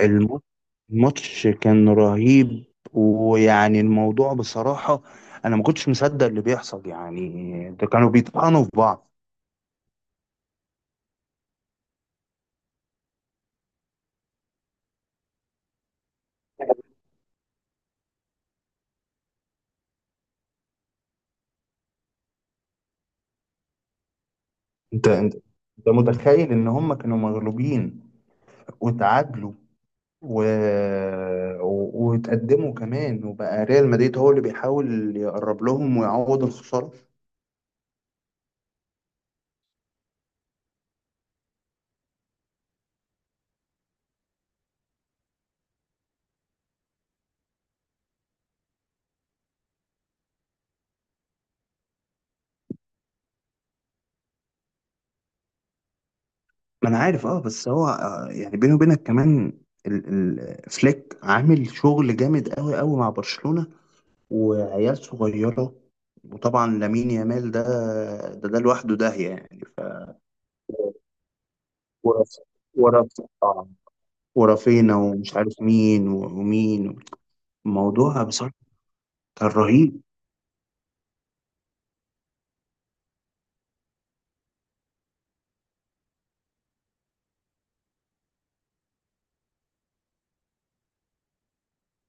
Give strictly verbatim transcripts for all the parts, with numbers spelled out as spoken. الم- الماتش كان رهيب. ويعني الموضوع بصراحة، أنا ما كنتش مصدق اللي بيحصل، يعني ده كانوا بيطحنوا في بعض. أنت أنت أنت متخيل إن هم كانوا مغلوبين، وتعادلوا، و... و... وتقدموا كمان، وبقى ريال مدريد هو اللي بيحاول يقرب لهم ويعوض الخسارة. ما أنا عارف، أه، بس هو آه، يعني بيني وبينك كمان، ال... ال... فليك عامل شغل جامد أوي أوي مع برشلونة، وعيال صغيرة، وطبعا لامين يامال ده، ده ده لوحده داهية، يعني ف- ورف ورف آه، ورافينا ومش عارف مين و- ومين. الموضوع بصراحة كان رهيب.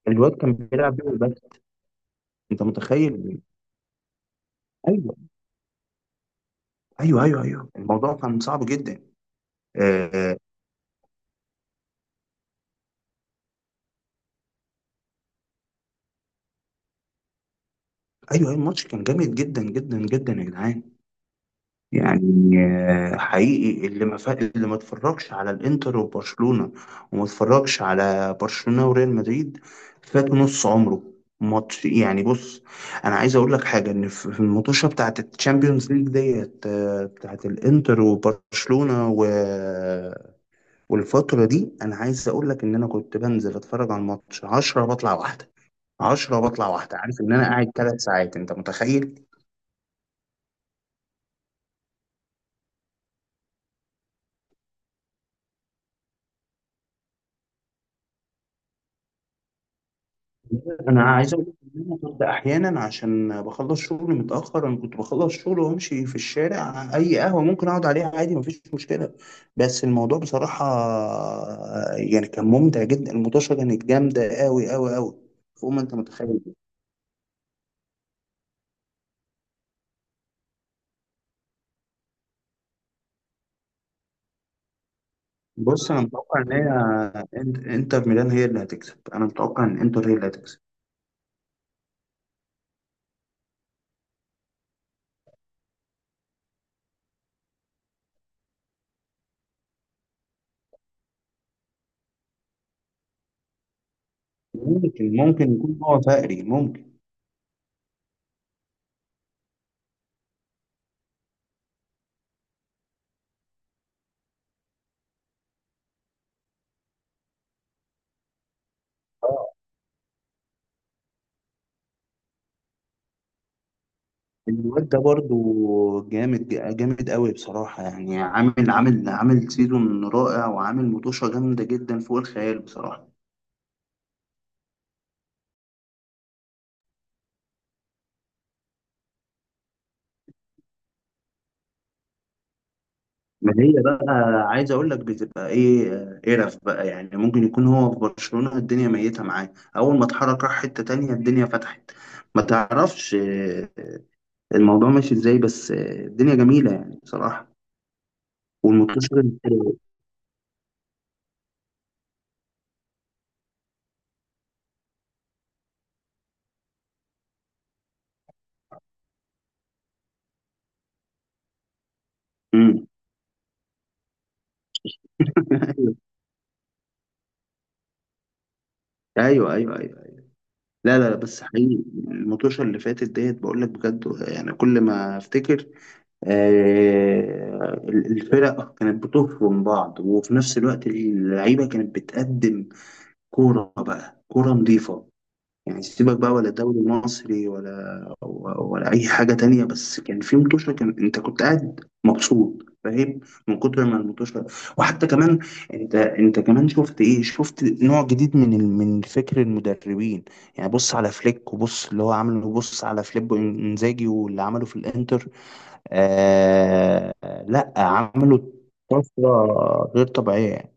الواد كان بيلعب بيه بس. انت متخيل؟ ايوه، ايوه، ايوه، ايوه، الموضوع كان صعب جدا. آه، آه، ايوه، أيوة، الماتش كان جامد جدا جدا جدا يا جدعان. يعني، آه، حقيقي، اللي ما فا... اللي ما اتفرجش على الانتر وبرشلونة، وما اتفرجش على برشلونة وريال مدريد، فات نص عمره. ماتش، يعني، بص. انا عايز اقول لك حاجه، ان في في المطوشه بتاعت الشامبيونز ليج ديت، آه، بتاعت الانتر وبرشلونه و... والفتره دي، انا عايز اقول لك ان انا كنت بنزل اتفرج على الماتش عشرة بطلع واحده، عشرة بطلع واحده، عارف ان انا قاعد تلات ساعات؟ انت متخيل؟ انا عايز اقول لك ان انا كنت احيانا عشان بخلص شغلي متاخر، انا كنت بخلص شغل وامشي في الشارع، اي قهوه ممكن اقعد عليها عادي، مفيش مشكله. بس الموضوع بصراحه، يعني كان ممتع جدا. المطاشه كانت جامده قوي قوي قوي، فوق ما انت متخيل. بص، انا متوقع ان هي، انت- انتر ميلان هي اللي هتكسب. انا متوقع ان انتر هي اللي هتكسب. ممكن ممكن يكون هو فقري. ممكن. الواد ده برضو جامد، جامد قوي بصراحة، يعني عامل عامل عامل سيزون رائع، وعامل مطوشة جامدة جدا فوق الخيال بصراحة. ما هي بقى، عايز اقول لك بتبقى ايه، آه، قرف بقى، يعني ممكن يكون هو في برشلونة الدنيا ميتة معاه، اول ما اتحرك راح حتة تانية الدنيا فتحت. ما تعرفش آه، الموضوع ماشي ازاي، بس آه، الدنيا جميلة يعني بصراحة. والمطوشة. مم. ايوه، ايوه، ايوه. لا، لا، لا، بس حقيقي المطوشة اللي فاتت ديت، بقول لك بجد، يعني كل ما افتكر آه، الفرق كانت بتفرم بعض، وفي نفس الوقت اللعيبة كانت بتقدم كورة بقى، كورة نظيفة يعني. سيبك بقى ولا دوري مصري ولا ولا اي حاجه تانية، بس كان في متوشه كان، انت كنت قاعد مبسوط، فاهم؟ من كتر ما المتوشه. وحتى كمان، انت انت كمان شفت ايه، شفت نوع جديد من ال- من فكر المدربين. يعني بص على فليك، وبص اللي هو عامله، وبص على فليبو انزاجي واللي عمله في الانتر. آه، لا، عملوا طفره غير طبيعيه.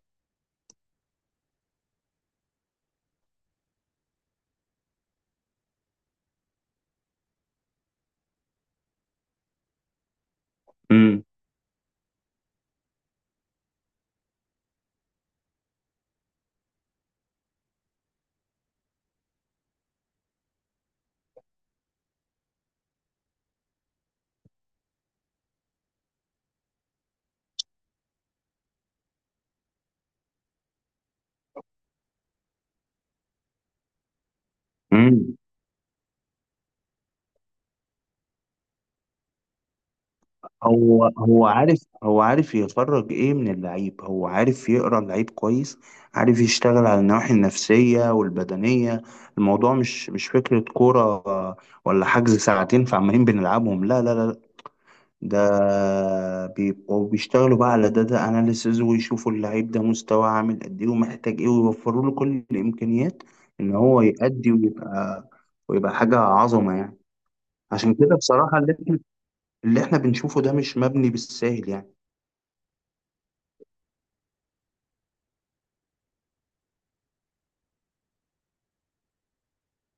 امم. هو هو عارف هو عارف يخرج ايه من اللعيب، هو عارف يقرا اللعيب كويس، عارف يشتغل على النواحي النفسية والبدنية. الموضوع مش مش فكرة كورة، آه، ولا حجز ساعتين فعمالين بنلعبهم. لا، لا، لا. ده بيبقوا بيشتغلوا بقى على داتا اناليسز، ويشوفوا اللعيب ده مستواه عامل قد ايه، ومحتاج ايه، ويوفروا له كل الامكانيات ان هو يأدي ويبقى ويبقى حاجة عظمة يعني. عشان كده بصراحة، اللي احنا اللي احنا بنشوفه ده مش مبني بالساهل يعني.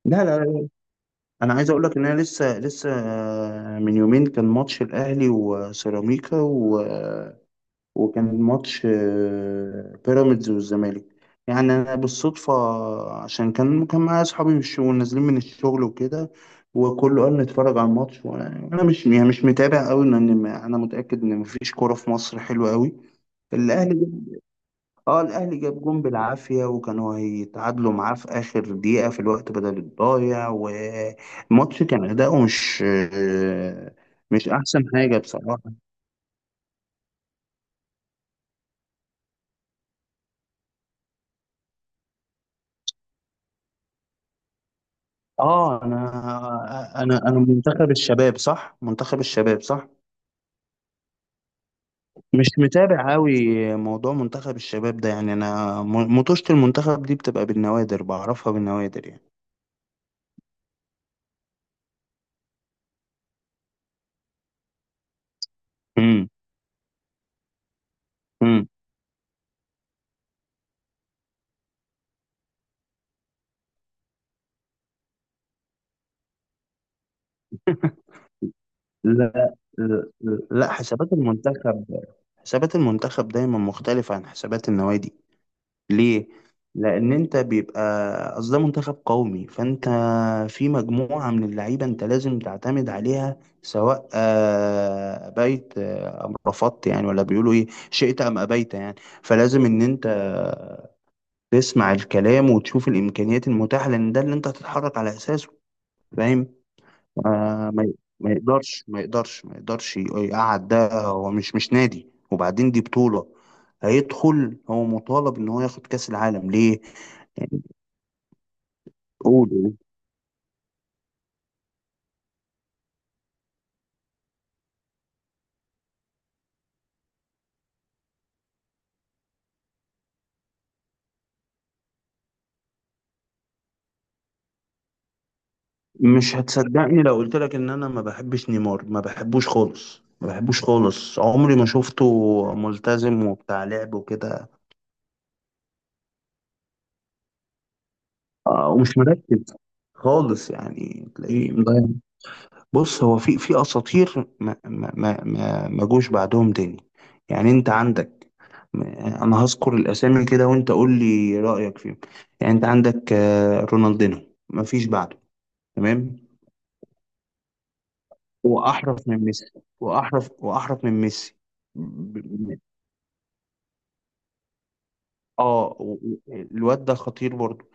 لا، لا، لا. انا عايز اقول لك ان انا لسه لسه آه، من يومين كان ماتش الاهلي وسيراميكا، و... وكان ماتش آه، بيراميدز والزمالك. يعني انا بالصدفه، عشان كان كان معايا اصحابي في الشغل نازلين من الشغل وكده، وكله قال نتفرج على الماتش. وانا أنا مش، يعني مش متابع قوي، لان ما- انا متاكد ان مفيش كوره في مصر حلوه قوي. الاهلي، اه، الاهلي جاب جون بالعافيه، وكانوا هيتعادلوا معاه في اخر دقيقه في الوقت بدل الضايع. والماتش كان اداؤه مش مش احسن حاجه بصراحه. اه، انا انا انا منتخب الشباب صح، منتخب الشباب صح. مش متابع قوي. موضوع منتخب الشباب ده، يعني انا م- مطوشة المنتخب دي بتبقى بالنوادر، بعرفها بالنوادر يعني. امم. امم. لا، لا، لا، حسابات المنتخب، حسابات المنتخب دايما مختلفة عن حسابات النوادي. ليه؟ لأن أنت بيبقى، أصل ده منتخب قومي، فأنت في مجموعة من اللعيبة أنت لازم تعتمد عليها، سواء آه، أبيت آه، أم رفضت، يعني ولا بيقولوا إيه؟ شئت أم أبيت يعني. فلازم إن أنت تسمع الكلام وتشوف الإمكانيات المتاحة، لأن ده اللي أنت هتتحرك على أساسه. فاهم؟ آه، ما ي- ما يقدرش ما يقدرش ما يقدرش يقعد، ده هو مش مش نادي. وبعدين دي بطولة هيدخل، هو مطالب ان هو ياخد كأس العالم. ليه؟ يعني، قول. مش هتصدقني لو قلت لك ان انا ما بحبش نيمار، ما بحبوش خالص، ما بحبوش خالص، عمري ما شفته ملتزم وبتاع لعب وكده. آه، ومش مركز خالص يعني، تلاقيه مضيع. بص، هو في في اساطير ما ما ما ما ما جوش بعدهم تاني. يعني انت عندك، انا هذكر الاسامي كده وانت قول لي رايك فيهم. يعني انت عندك آه، رونالدينو، ما فيش بعده. تمام. واحرف من ميسي، واحرف واحرف من ميسي. ب- ب- اه و- و- الواد ده خطير برضو.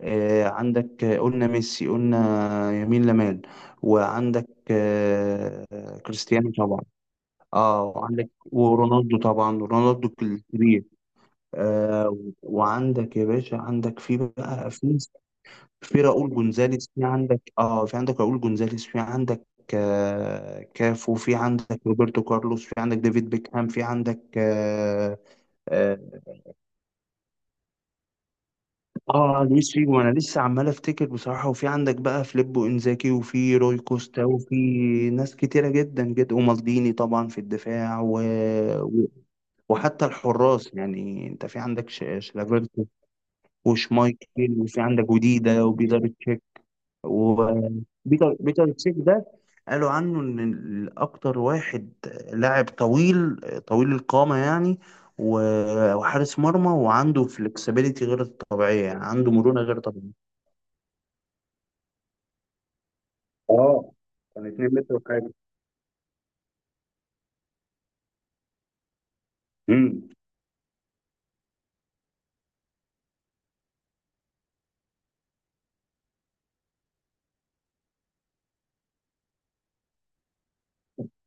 آه، عندك آه، قلنا ميسي، قلنا يمين لمال. وعندك آه كريستيانو طبعا. اه، وعندك ورونالدو طبعا، رونالدو الكبير. آه، و- وعندك يا باشا، عندك في بقى في في راؤول جونزاليس، في عندك، اه في عندك راؤول جونزاليس، في عندك آه كافو، في عندك روبرتو كارلوس، في عندك ديفيد بيكهام، في عندك آه اه آه، لويس فيجو. انا لسه عمال افتكر بصراحه. وفي عندك بقى فليبو انزاكي، وفي روي كوستا، وفي ناس كتيره جدا جدا، ومالديني طبعا في الدفاع. و... وحتى الحراس، يعني انت في عندك ش- شلافيرتو وشمايكل، وفي عندك وديدا وبيتر تشيك. وبيتر بيتر تشيك ده قالوا عنه ان اكتر واحد، لاعب طويل، طويل القامة يعني، و- وحارس مرمى، وعنده فلكسبيليتي غير طبيعية، يعني عنده مرونة غير طبيعية. اه، كان اتنين متر وحاجة. امم.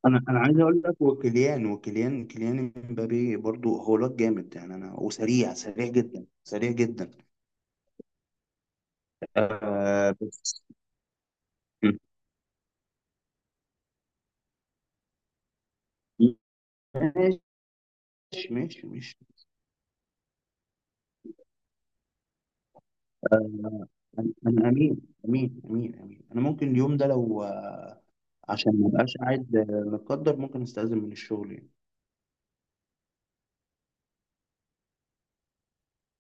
انا انا عايز اقول لك، وكيليان وكيليان كيليان امبابي برضو، هو لوك جامد يعني، انا وسريع، سريع جدا، سريع جدا. آه، بس، ماشي، ماشي، ماشي. انا أنا امين، امين، امين، امين، انا ممكن اليوم ده لو آه، عشان ما ابقاش قاعد آه، متقدر، ممكن استاذن من الشغل يعني.